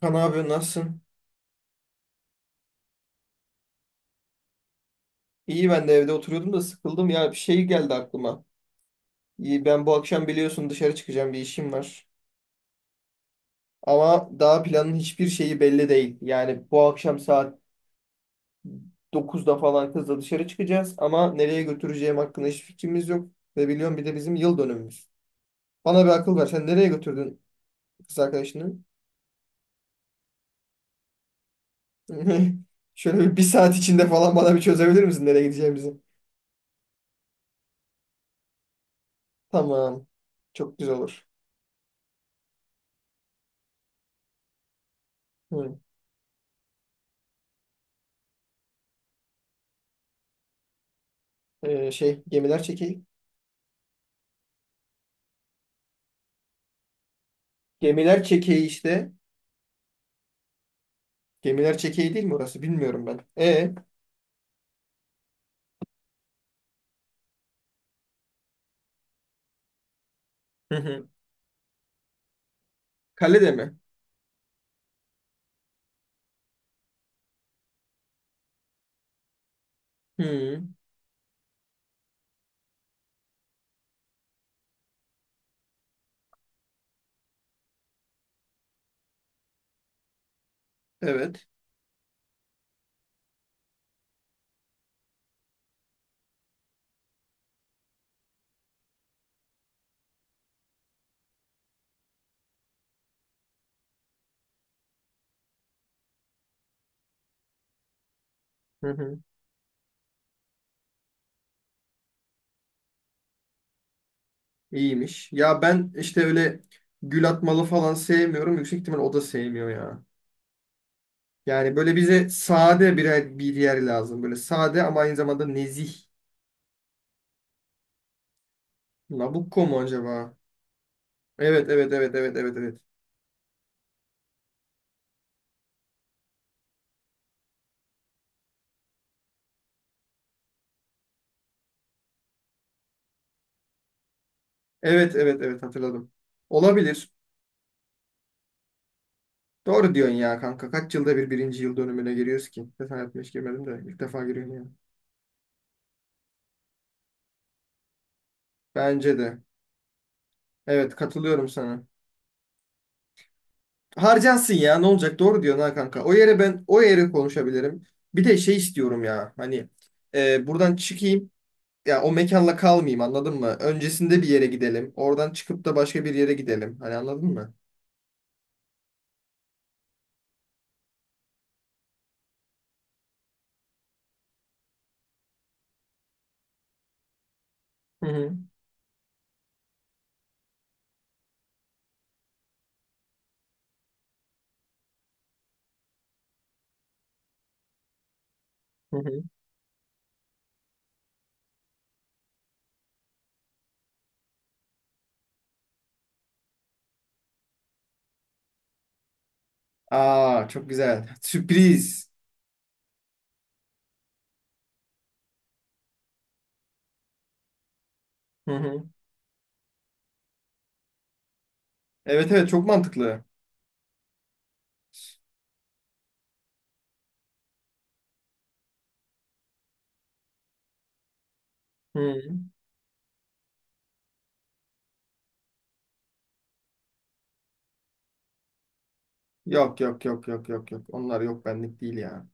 Kan abi nasılsın? İyi ben de evde oturuyordum da sıkıldım ya bir şey geldi aklıma. İyi ben bu akşam biliyorsun dışarı çıkacağım bir işim var. Ama daha planın hiçbir şeyi belli değil. Yani bu akşam saat 9'da falan kızla dışarı çıkacağız ama nereye götüreceğim hakkında hiç fikrimiz yok. Ve biliyorum bir de bizim yıl dönümümüz. Bana bir akıl ver sen nereye götürdün kız arkadaşını? Şöyle bir saat içinde falan bana bir çözebilir misin nereye gideceğimizi? Tamam. Çok güzel olur. Hı. Şey gemiler çekeyim. Gemiler çekeği işte. Gemiler çekeği değil mi orası? Bilmiyorum ben. Hı hı. Kalede mi? Hı, evet. Hı hı. İyiymiş. Ya ben işte öyle gül atmalı falan sevmiyorum. Yüksek ihtimal o da sevmiyor ya. Yani böyle bize sade bir yer lazım. Böyle sade ama aynı zamanda nezih. Nabucco mu acaba? Evet, evet, evet, evet, evet, evet. Evet, evet, evet hatırladım. Olabilir. Doğru diyorsun ya kanka. Kaç yılda bir birinci yıl dönümüne giriyoruz ki? Bir defa yapmış girmedim de ilk defa giriyorum ya. Bence de. Evet katılıyorum sana. Harcansın ya ne olacak doğru diyorsun ha kanka. O yere ben o yere konuşabilirim. Bir de şey istiyorum ya hani buradan çıkayım ya o mekanla kalmayayım anladın mı? Öncesinde bir yere gidelim. Oradan çıkıp da başka bir yere gidelim. Hani anladın mı? Hı hı. Hı hı. Aa çok güzel. Sürpriz. Hı hı. Evet evet çok mantıklı. Hı. Yok yok yok yok yok yok. Onlar yok benlik değil ya.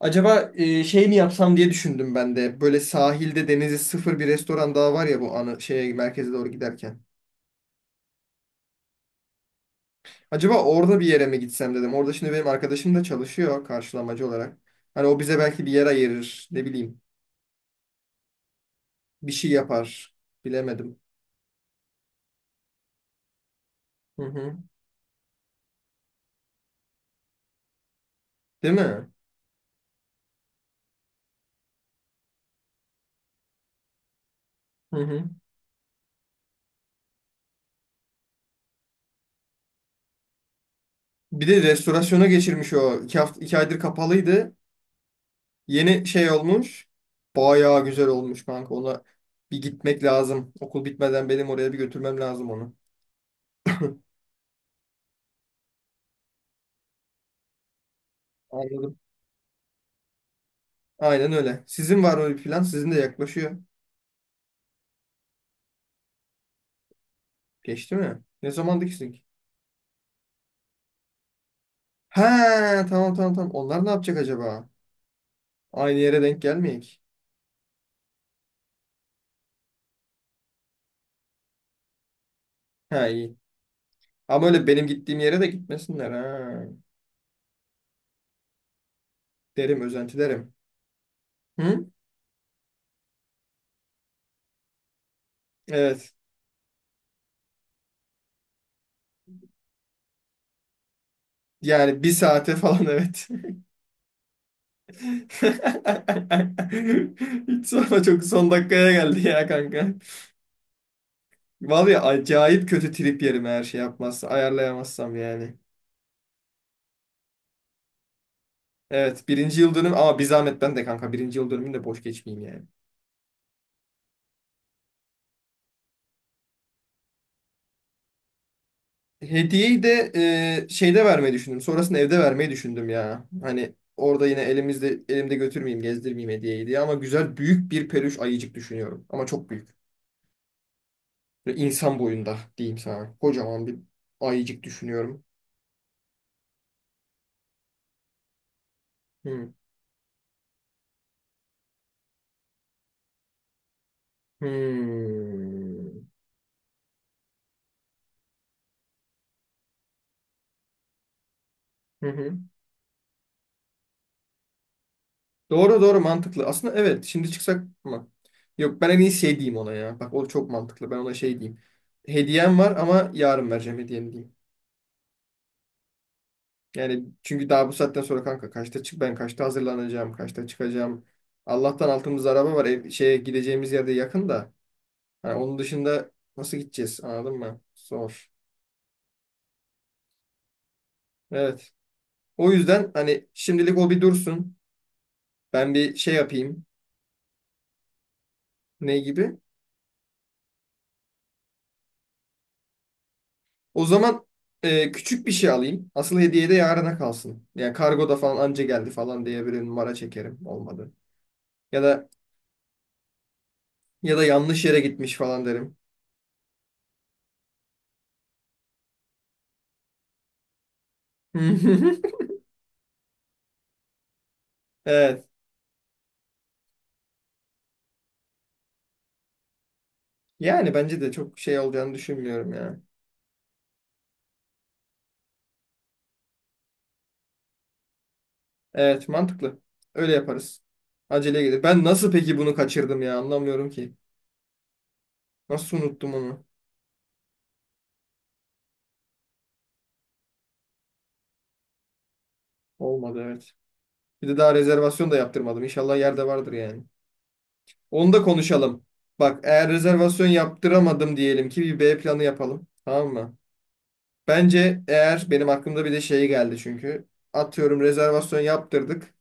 Acaba şey mi yapsam diye düşündüm ben de. Böyle sahilde denizi sıfır bir restoran daha var ya bu anı şeye merkeze doğru giderken. Acaba orada bir yere mi gitsem dedim. Orada şimdi benim arkadaşım da çalışıyor karşılamacı olarak. Hani o bize belki bir yer ayırır, ne bileyim, bir şey yapar. Bilemedim. Hı hı. Değil mi? Hı hı. Bir de restorasyona geçirmiş o. 2 hafta, 2 aydır kapalıydı. Yeni şey olmuş. Bayağı güzel olmuş kanka. Ona bir gitmek lazım. Okul bitmeden benim oraya bir götürmem lazım onu. Anladım. Aynen öyle. Sizin var mı bir plan? Sizin de yaklaşıyor. Geçti mi? Ne zamandı ki sizinki? He tamam tamam tamam. Onlar ne yapacak acaba? Aynı yere denk gelmeyek. He iyi. Ama öyle benim gittiğim yere de gitmesinler ha. Derim özenti derim. Hı? Evet. Yani bir saate falan evet. Hiç sonra çok son dakikaya geldi ya kanka. Vallahi acayip kötü trip yerim eğer şey yapmazsa ayarlayamazsam yani. Evet birinci yıl dönüm ama bir zahmet ben de kanka birinci yıl dönümünü de boş geçmeyeyim yani. Hediyeyi de şeyde vermeyi düşündüm. Sonrasında evde vermeyi düşündüm ya. Hani orada yine elimde götürmeyeyim, gezdirmeyeyim hediyeyi diye ama güzel büyük bir peluş ayıcık düşünüyorum. Ama çok büyük. Böyle insan boyunda diyeyim sana. Kocaman bir ayıcık düşünüyorum. Hmm. Hmm. Hı hı. Doğru doğru mantıklı. Aslında evet şimdi çıksak mı? Yok ben en iyi şey diyeyim ona ya. Bak o çok mantıklı. Ben ona şey diyeyim. Hediyem var ama yarın vereceğim hediyemi diyeyim. Yani çünkü daha bu saatten sonra kanka kaçta çık ben kaçta hazırlanacağım kaçta çıkacağım. Allah'tan altımızda araba var. Ev, şeye gideceğimiz yerde yakın da. Hani onun dışında nasıl gideceğiz anladın mı? Zor. Evet. O yüzden hani şimdilik o bir dursun. Ben bir şey yapayım. Ne gibi? O zaman küçük bir şey alayım. Asıl hediye de yarına kalsın. Yani kargoda falan anca geldi falan diye bir numara çekerim. Olmadı. Ya da ya da yanlış yere gitmiş falan derim. Evet. Yani bence de çok şey olacağını düşünmüyorum ya. Evet, mantıklı. Öyle yaparız. Acele gelir. Ben nasıl peki bunu kaçırdım ya? Anlamıyorum ki. Nasıl unuttum onu? Olmadı evet. Bir de daha rezervasyon da yaptırmadım. İnşallah yerde vardır yani. Onu da konuşalım. Bak eğer rezervasyon yaptıramadım diyelim ki bir B planı yapalım. Tamam mı? Bence eğer benim aklımda bir de şey geldi çünkü. Atıyorum rezervasyon yaptırdık.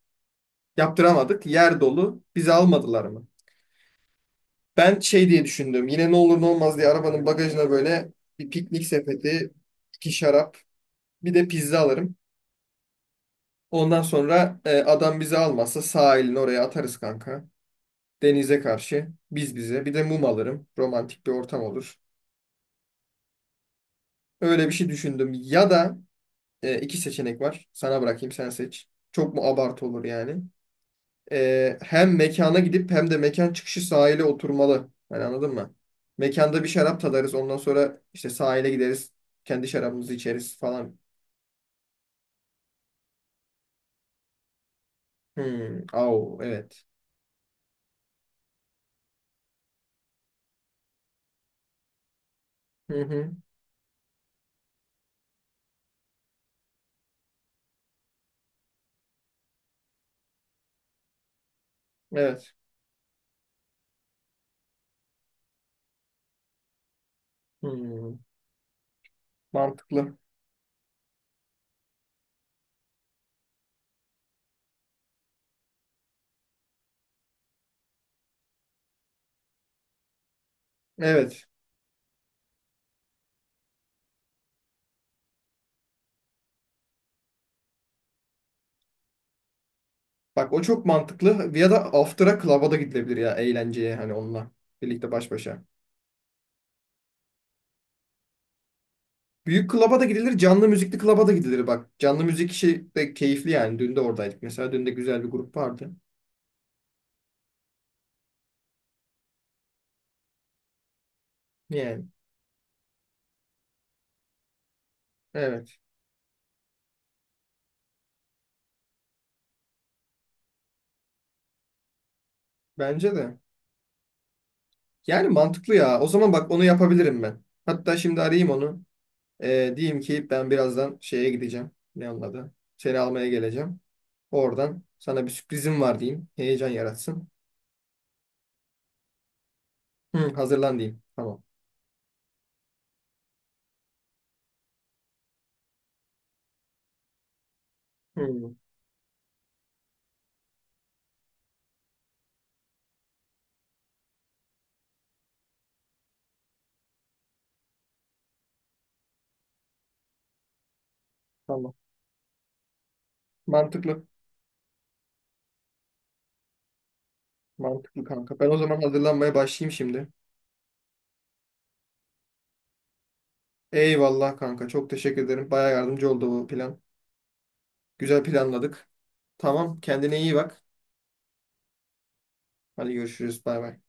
Yaptıramadık. Yer dolu. Bizi almadılar mı? Ben şey diye düşündüm. Yine ne olur ne olmaz diye arabanın bagajına böyle bir piknik sepeti, iki şarap, bir de pizza alırım. Ondan sonra adam bizi almazsa sahilin oraya atarız kanka. Denize karşı biz bize. Bir de mum alırım. Romantik bir ortam olur. Öyle bir şey düşündüm. Ya da iki seçenek var. Sana bırakayım sen seç. Çok mu abartı olur yani? Hem mekana gidip hem de mekan çıkışı sahile oturmalı. Hani anladın mı? Mekanda bir şarap tadarız. Ondan sonra işte sahile gideriz. Kendi şarabımızı içeriz falan. Hmm. Au, evet. Hı hı. Evet. Hmm. Mantıklı. Evet. Bak o çok mantıklı. Ya da after'a club'a da gidilebilir ya eğlenceye hani onunla. Birlikte baş başa. Büyük klaba da gidilir, canlı müzikli klaba da gidilir bak. Canlı müzik işi de keyifli yani. Dün de oradaydık. Mesela dün de güzel bir grup vardı. Yani evet. Bence de. Yani mantıklı ya. O zaman bak onu yapabilirim ben. Hatta şimdi arayayım onu. Diyeyim ki ben birazdan şeye gideceğim. Ne onun adı? Seni almaya geleceğim. Oradan sana bir sürprizim var diyeyim. Heyecan yaratsın. Hı, hazırlan diyeyim. Tamam. Hı, tamam. Mantıklı. Mantıklı kanka. Ben o zaman hazırlanmaya başlayayım şimdi. Eyvallah kanka. Çok teşekkür ederim. Baya yardımcı oldu bu plan. Güzel planladık. Tamam. Kendine iyi bak. Hadi görüşürüz. Bay bay.